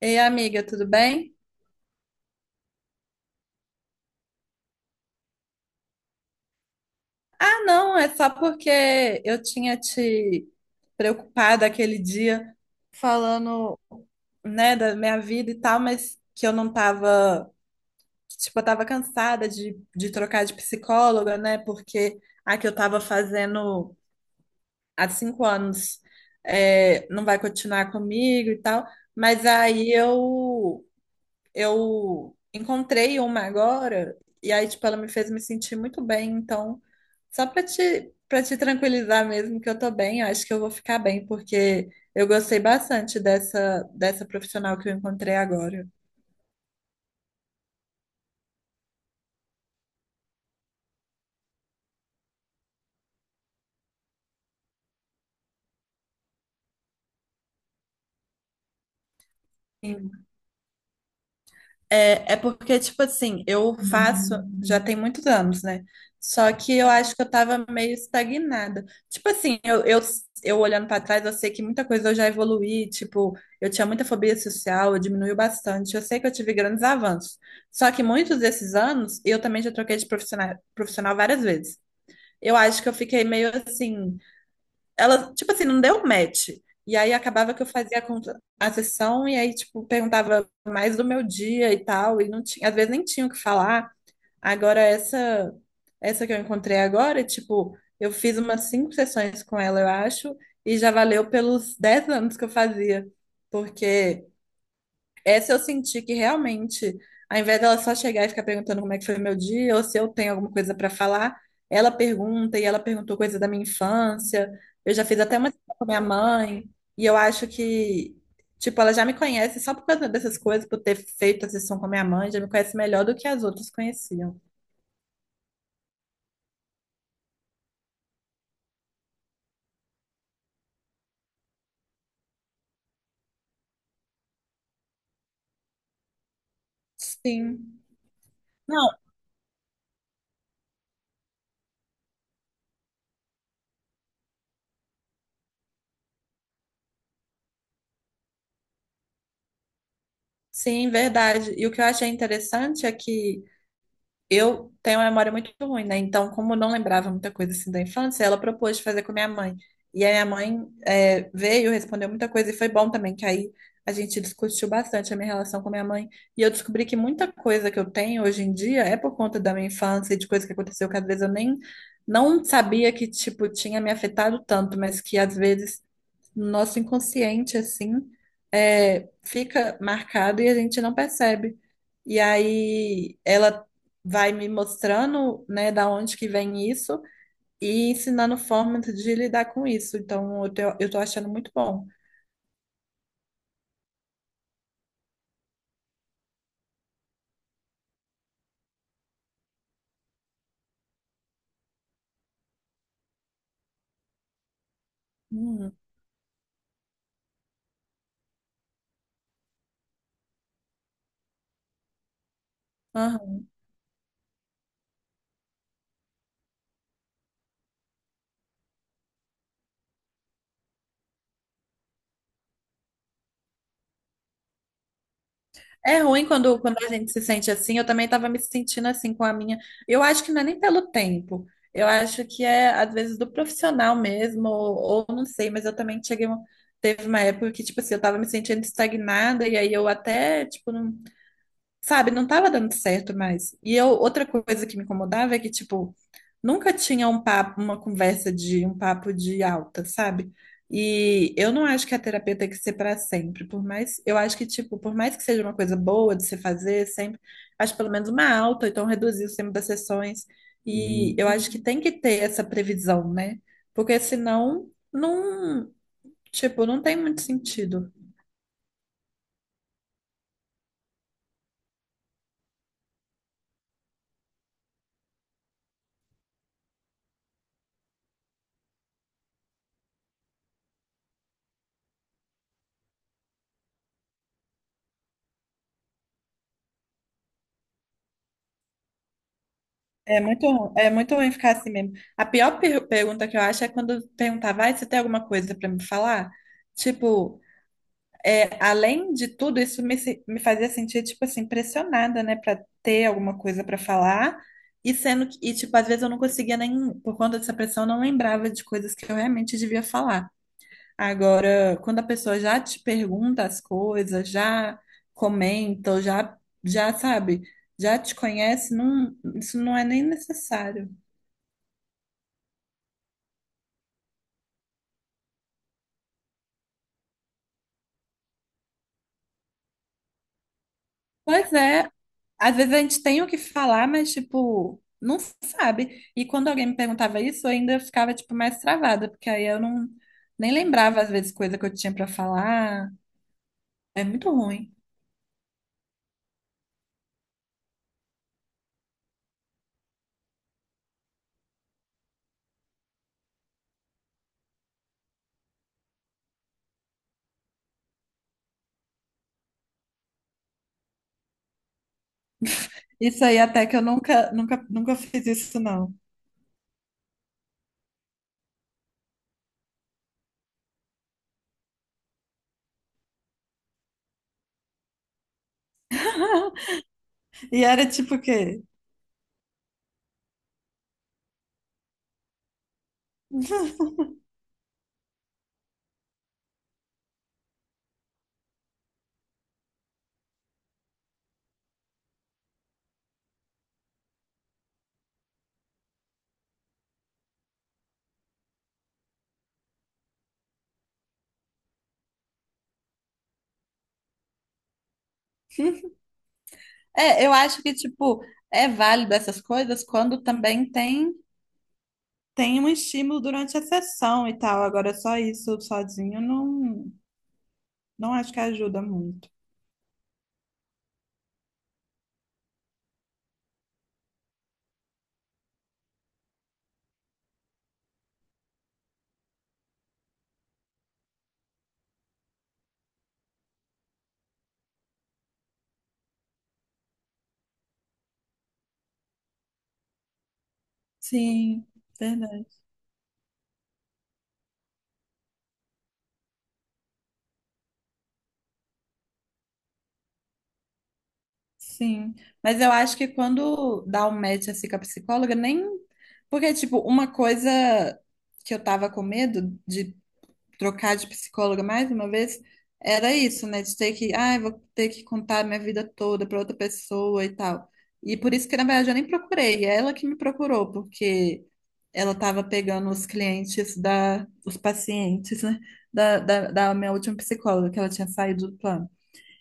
Ei, amiga, tudo bem? Ah, não, é só porque eu tinha te preocupado aquele dia falando, né, da minha vida e tal, mas que eu não tava, tipo, eu tava cansada de trocar de psicóloga, né, porque a que eu tava fazendo há cinco anos é, não vai continuar comigo e tal, mas aí eu encontrei uma agora, e aí, tipo, ela me fez me sentir muito bem. Então, para te tranquilizar mesmo que eu tô bem, eu acho que eu vou ficar bem, porque eu gostei bastante dessa profissional que eu encontrei agora. É porque, tipo assim, eu faço já tem muitos anos, né? Só que eu acho que eu tava meio estagnada. Tipo assim, eu olhando pra trás, eu sei que muita coisa eu já evoluí. Tipo, eu tinha muita fobia social, eu diminuiu bastante. Eu sei que eu tive grandes avanços. Só que muitos desses anos, eu também já troquei profissional várias vezes. Eu acho que eu fiquei meio assim. Ela, tipo assim, não deu match. E aí acabava que eu fazia a sessão e aí, tipo, perguntava mais do meu dia e tal, e não tinha, às vezes nem tinha o que falar. Agora essa que eu encontrei agora, tipo, eu fiz umas cinco sessões com ela, eu acho, e já valeu pelos 10 anos que eu fazia, porque essa eu senti que realmente, ao invés dela só chegar e ficar perguntando como é que foi meu dia, ou se eu tenho alguma coisa para falar, ela pergunta e ela perguntou coisa da minha infância. Eu já fiz até uma história com minha mãe, e eu acho que, tipo, ela já me conhece só por causa dessas coisas, por ter feito a sessão com a minha mãe, já me conhece melhor do que as outras conheciam. Sim. Não, sim, verdade. E o que eu achei interessante é que eu tenho uma memória muito ruim, né? Então, como eu não lembrava muita coisa assim da infância, ela propôs de fazer com a minha mãe. E a minha mãe é, veio, respondeu muita coisa e foi bom também, que aí a gente discutiu bastante a minha relação com a minha mãe. E eu descobri que muita coisa que eu tenho hoje em dia é por conta da minha infância e de coisa que aconteceu que às vezes eu nem não sabia que, tipo, tinha me afetado tanto, mas que às vezes no nosso inconsciente, assim, é, fica marcado e a gente não percebe. E aí ela vai me mostrando, né, da onde que vem isso e ensinando formas de lidar com isso. Então, eu tô achando muito bom. Hum. É ruim quando a gente se sente assim. Eu também estava me sentindo assim com a minha. Eu acho que não é nem pelo tempo. Eu acho que é, às vezes, do profissional mesmo, ou não sei, mas eu também cheguei a um- Teve uma época que, tipo assim, eu estava me sentindo estagnada, e aí eu até, tipo, não sabe, não tava dando certo mais. E eu, outra coisa que me incomodava é que, tipo, nunca tinha um papo, uma conversa de um papo de alta, sabe? E eu não acho que a terapia tem que ser para sempre, por mais, eu acho que tipo, por mais que seja uma coisa boa de se fazer sempre, acho pelo menos uma alta, ou então reduzir o tempo das sessões. E eu acho que tem que ter essa previsão, né? Porque senão não, tipo, não tem muito sentido. É muito, ru- é muito ruim ficar assim mesmo. A pior per- pergunta que eu acho é quando perguntava, ah, você tem alguma coisa pra me falar? Tipo, além de tudo, isso me, se- me fazia sentir, tipo assim, pressionada, né, pra ter alguma coisa pra falar. E sendo que, e, tipo, às vezes eu não conseguia nem, por conta dessa pressão, eu não lembrava de coisas que eu realmente devia falar. Agora, quando a pessoa já te pergunta as coisas, já comenta, já sabe, já te conhece, não, isso não é nem necessário. Pois é, às vezes a gente tem o que falar, mas tipo, não sabe. E quando alguém me perguntava isso, eu ainda ficava tipo mais travada, porque aí eu não nem lembrava às vezes coisa que eu tinha pra falar. É muito ruim. Isso aí até que eu nunca fiz isso não. E era tipo o quê? É, eu acho que tipo é válido essas coisas quando também tem tem um estímulo durante a sessão e tal. Agora só isso sozinho não não acho que ajuda muito. Sim, verdade. Sim. Mas eu acho que quando dá um match assim com a psicóloga, nem. Porque, tipo, uma coisa que eu tava com medo de trocar de psicóloga mais uma vez era isso, né? De ter que. Ah, eu vou ter que contar minha vida toda pra outra pessoa e tal. E por isso que, na verdade, eu nem procurei. É ela que me procurou, porque ela tava pegando os clientes da. Os pacientes, né? Da minha última psicóloga, que ela tinha saído do plano.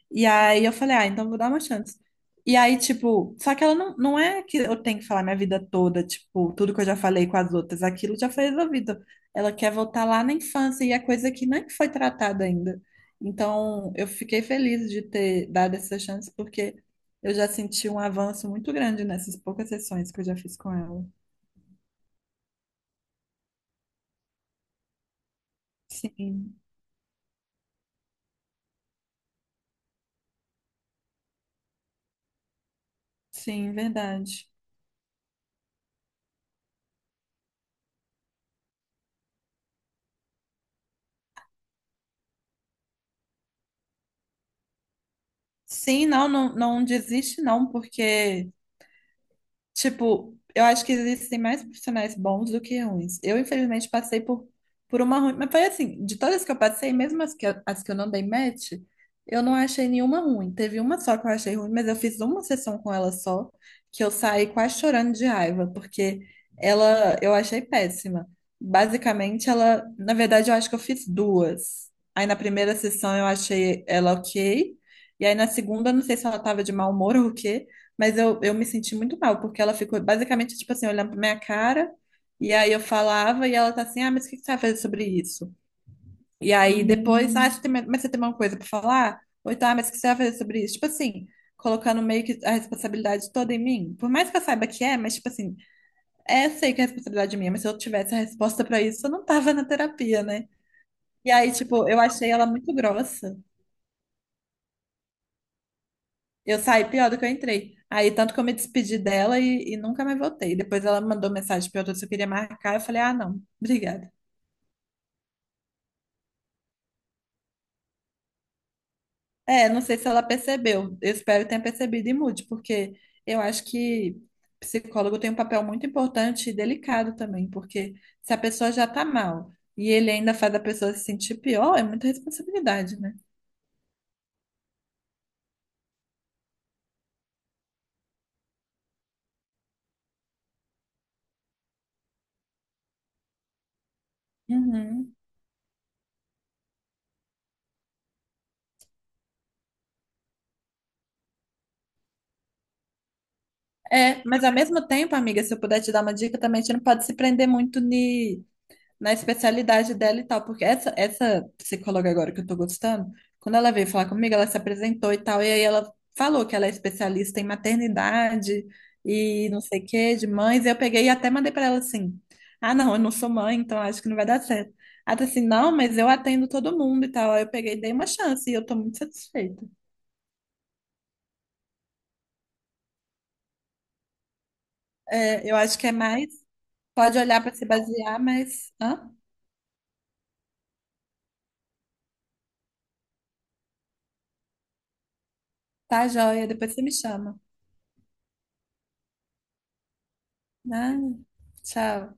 E aí eu falei, ah, então vou dar uma chance. E aí, tipo, só que ela não, não é que eu tenho que falar minha vida toda, tipo, tudo que eu já falei com as outras, aquilo já foi resolvido. Ela quer voltar lá na infância e é coisa que nem foi tratada ainda. Então, eu fiquei feliz de ter dado essa chance, porque eu já senti um avanço muito grande nessas poucas sessões que eu já fiz com ela. Sim, sim, verdade. Sim, não, não, não desiste, não, porque tipo, eu acho que existem mais profissionais bons do que ruins. Eu, infelizmente, passei por uma ruim, mas foi assim, de todas que eu passei, mesmo as que eu não dei match, eu não achei nenhuma ruim. Teve uma só que eu achei ruim, mas eu fiz uma sessão com ela só, que eu saí quase chorando de raiva, porque ela eu achei péssima. Basicamente, ela, na verdade, eu acho que eu fiz duas. Aí na primeira sessão eu achei ela ok, e aí na segunda, não sei se ela tava de mau humor ou o quê. Mas eu me senti muito mal, porque ela ficou basicamente, tipo assim, olhando pra minha cara, e aí eu falava, e ela tá assim, ah, mas o que que você vai fazer sobre isso? E aí depois, ah, hum, você tem, mas você tem uma coisa pra falar? Ou tá, mas o que você vai fazer sobre isso? Tipo assim, colocando meio que a responsabilidade toda em mim. Por mais que eu saiba que é, mas tipo assim, é, eu sei que é responsabilidade é minha, mas se eu tivesse a resposta pra isso, eu não tava na terapia, né? E aí, tipo, eu achei ela muito grossa. Eu saí pior do que eu entrei. Aí, tanto que eu me despedi dela e nunca mais voltei. Depois ela me mandou mensagem perguntando se eu queria marcar. Eu falei, ah, não, obrigada. É, não sei se ela percebeu. Eu espero que tenha percebido e mude, porque eu acho que psicólogo tem um papel muito importante e delicado também, porque se a pessoa já tá mal e ele ainda faz a pessoa se sentir pior, é muita responsabilidade, né? Uhum. É, mas ao mesmo tempo, amiga, se eu puder te dar uma dica também, a gente não pode se prender muito ni na especialidade dela e tal, porque essa psicóloga agora que eu tô gostando, quando ela veio falar comigo, ela se apresentou e tal, e aí ela falou que ela é especialista em maternidade e não sei o que, de mães, e eu peguei e até mandei pra ela assim, ah, não, eu não sou mãe, então acho que não vai dar certo. Ela disse assim, não, mas eu atendo todo mundo e tal, aí eu peguei e dei uma chance e eu tô muito satisfeita. É, eu acho que é mais, pode olhar pra se basear, mas, hã? Tá joia, depois você me chama. Ah, tchau.